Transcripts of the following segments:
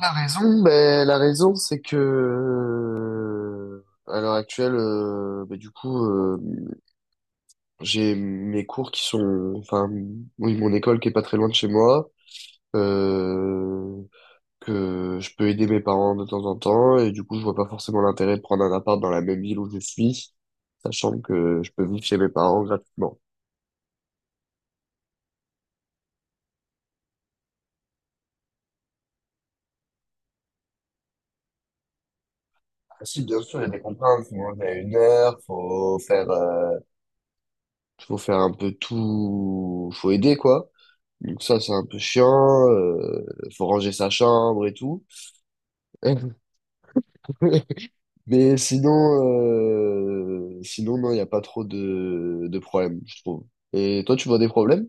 La raison, ben, la raison, c'est que à l'heure actuelle, j'ai mes cours qui sont, enfin, oui, mon école qui est pas très loin de chez moi, euh, que je peux aider mes parents de temps en temps, et du coup, je vois pas forcément l'intérêt de prendre un appart dans la même ville où je suis, sachant que je peux vivre chez mes parents gratuitement. Ah, si, bien sûr, il y a des contraintes, faut manger à une heure, faut faire un peu tout, faut aider, quoi. Donc ça, c'est un peu chiant. Faut ranger sa chambre et tout. Mais sinon, sinon non, il n'y a pas trop de problèmes, je trouve. Et toi, tu vois des problèmes?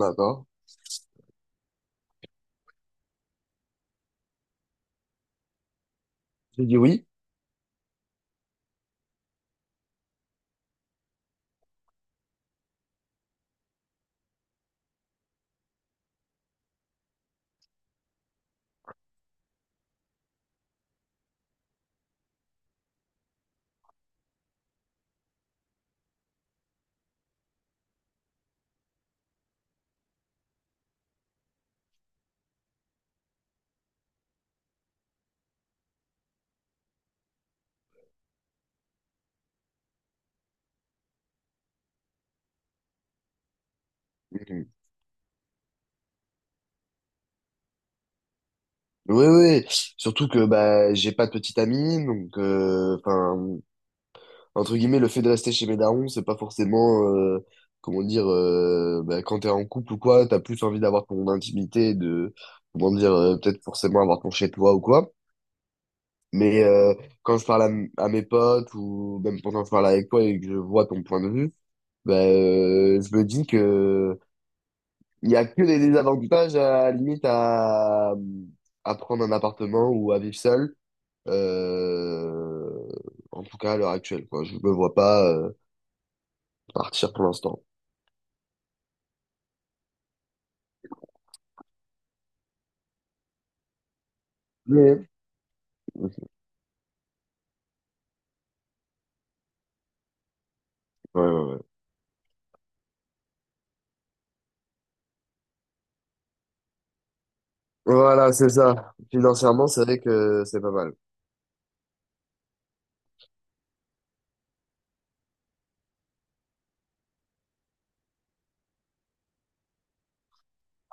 D'accord. J'ai dit oui. Mhm. Oui, oui. Surtout que bah j'ai pas de petite amie, donc enfin entre guillemets le fait de rester chez mes darons, c'est pas forcément comment dire bah, quand t'es en couple ou quoi, t'as plus envie d'avoir ton intimité, de comment dire peut-être forcément avoir ton chez toi ou quoi. Mais quand je parle à mes potes ou même pendant que je parle avec toi et que je vois ton point de vue, ben je me dis que il y a que des désavantages à la limite à prendre un appartement ou à vivre seul. Euh, en tout cas à l'heure actuelle, quoi. Je me vois pas partir pour l'instant. Mais ouais, ouais, ouais. Voilà, c'est ça. Financièrement, c'est vrai que c'est pas mal.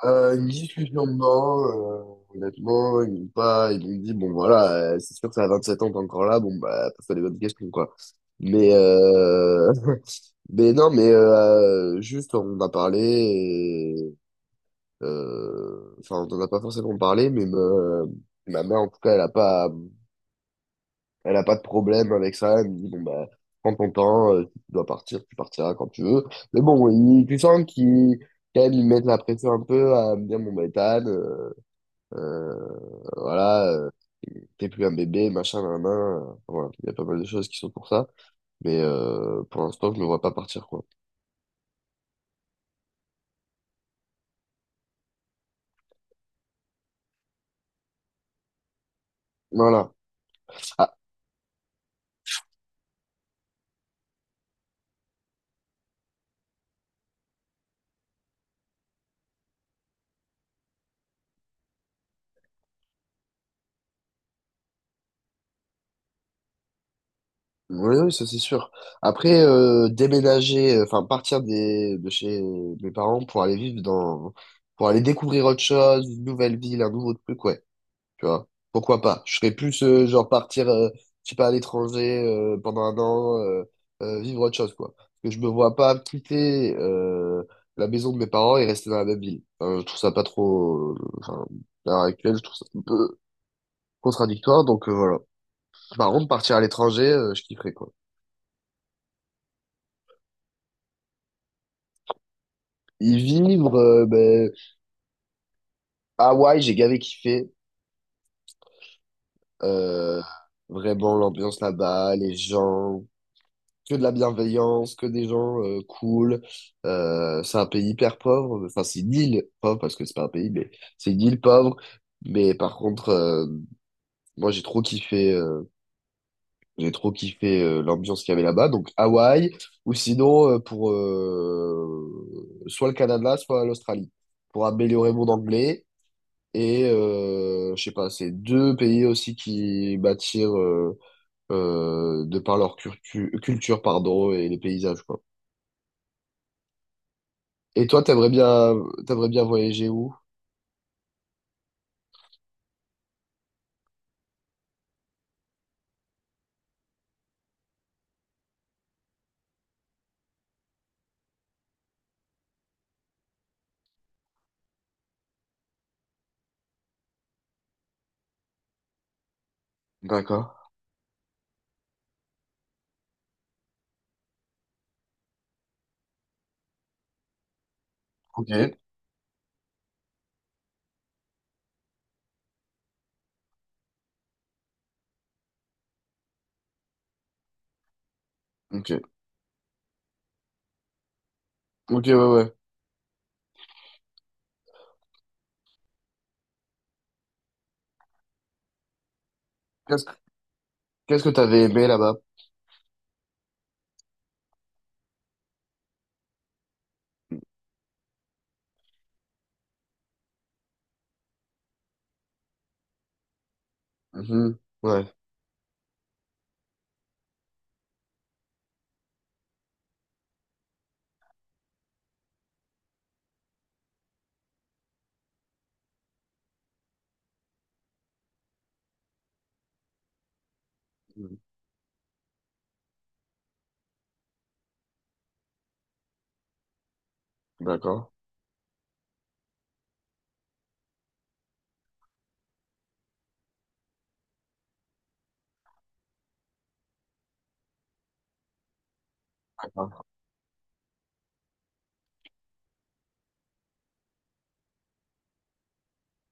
Une discussion dedans, honnêtement, ils m'ont pas, ils m'ont dit, bon voilà, c'est sûr que ça a sept ans, t'es encore là, bon bah, pose-toi les bonnes questions, quoi. Mais, mais non, mais juste, on a parlé, et, enfin, on en a pas forcément parlé, mais me... ma mère, en tout cas, elle a pas de problème avec ça, elle me dit, bon bah, prends ton temps, si tu dois partir, tu partiras quand tu veux. Mais bon, tu sens qu'ils, quand même, ils mettent la pression un peu à me dire, bon bah, Ethan, euh, voilà, t'es plus un bébé, machin, nan, nan, voilà, il y a pas mal de choses qui sont pour ça, mais pour l'instant, je me vois pas partir, quoi. Voilà. Ah, oui, oui, ça c'est sûr. Après, déménager, enfin, partir de chez mes parents pour aller vivre dans, pour aller découvrir autre chose, une nouvelle ville, un nouveau truc, ouais. Tu vois, pourquoi pas? Je serais plus genre partir, je sais pas, à l'étranger pendant un an, vivre autre chose, quoi. Parce que je me vois pas quitter la maison de mes parents et rester dans la même ville. Enfin, je trouve ça pas trop. Enfin, à l'heure actuelle, je trouve ça un peu contradictoire. Donc voilà. Par contre, partir à l'étranger, je kifferais, quoi. Y vivre, ben, Hawaï, j'ai gavé kiffé. Euh, vraiment l'ambiance là-bas, les gens. Que de la bienveillance, que des gens cool. C'est un pays hyper pauvre. Enfin, c'est une île pauvre parce que c'est pas un pays, mais c'est une île pauvre. Mais par contre, moi j'ai trop kiffé l'ambiance qu'il y avait là-bas. Donc Hawaï ou sinon pour soit le Canada, soit l'Australie pour améliorer mon anglais. Et je sais pas, c'est deux pays aussi qui m'attirent de par leur culture, pardon, et les paysages, quoi. Et toi, t'aimerais bien voyager où? D'accord. Ok. Ok. Ok, ouais, ouais. Qu'est-ce que Qu'est-ce que t'avais aimé là-bas? Mhm. Ouais. Mhm. D'accord. D'accord.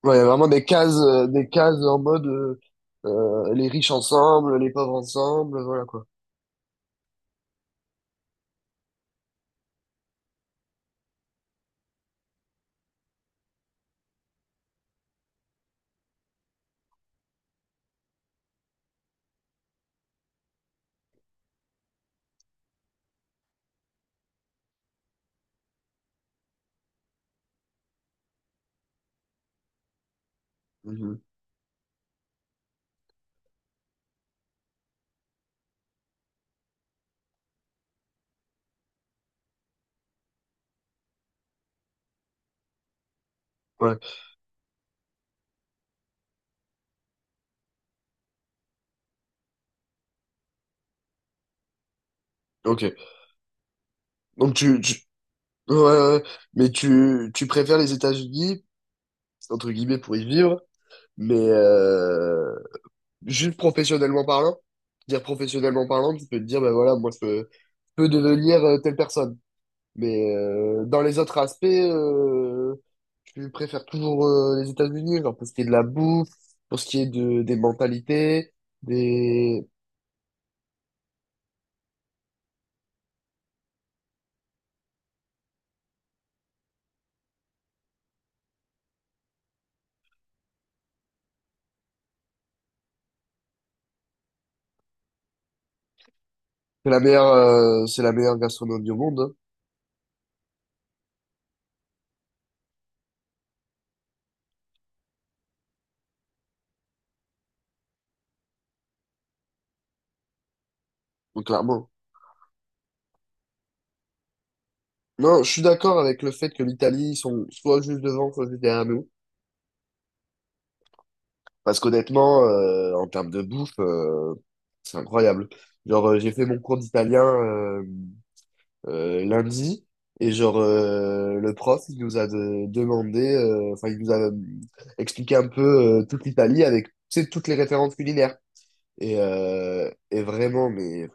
Ouais, il y a vraiment des cases en mode les riches ensemble, les pauvres ensemble, voilà quoi. Mhm. Ouais. Ok. Donc tu... Ouais, ouais, ouais. Mais tu préfères les États-Unis, entre guillemets, pour y vivre, mais juste professionnellement parlant, dire professionnellement parlant, tu peux te dire, ben voilà, moi, je peux devenir telle personne. Mais dans les autres aspects, je préfère toujours les États-Unis, genre pour ce qui est de la bouffe, pour ce qui est de, des mentalités, des... c'est la meilleure gastronomie au monde, hein. Donc clairement. Non, je suis d'accord avec le fait que l'Italie, ils sont soit juste devant, soit juste derrière nous. Parce qu'honnêtement, en termes de bouffe, c'est incroyable. Genre, j'ai fait mon cours d'italien lundi, et genre, le prof, il nous a demandé, enfin, il nous a expliqué un peu toute l'Italie avec, tu sais, toutes les références culinaires. Et vraiment, mais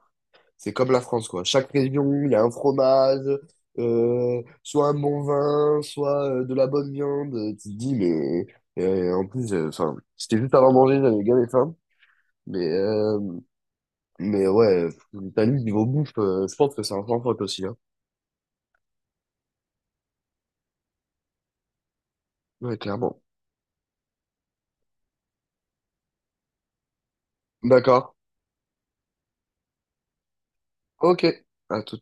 c'est comme la France, quoi. Chaque région, il y a un fromage, soit un bon vin, soit de la bonne viande. Tu te dis, mais en plus, enfin, c'était juste avant manger, j'avais gavé faim. Mais, euh, mais ouais, l'Italie, niveau bouffe, je pense que c'est un sans faute aussi, hein. Ouais, clairement. D'accord. Ok. À tout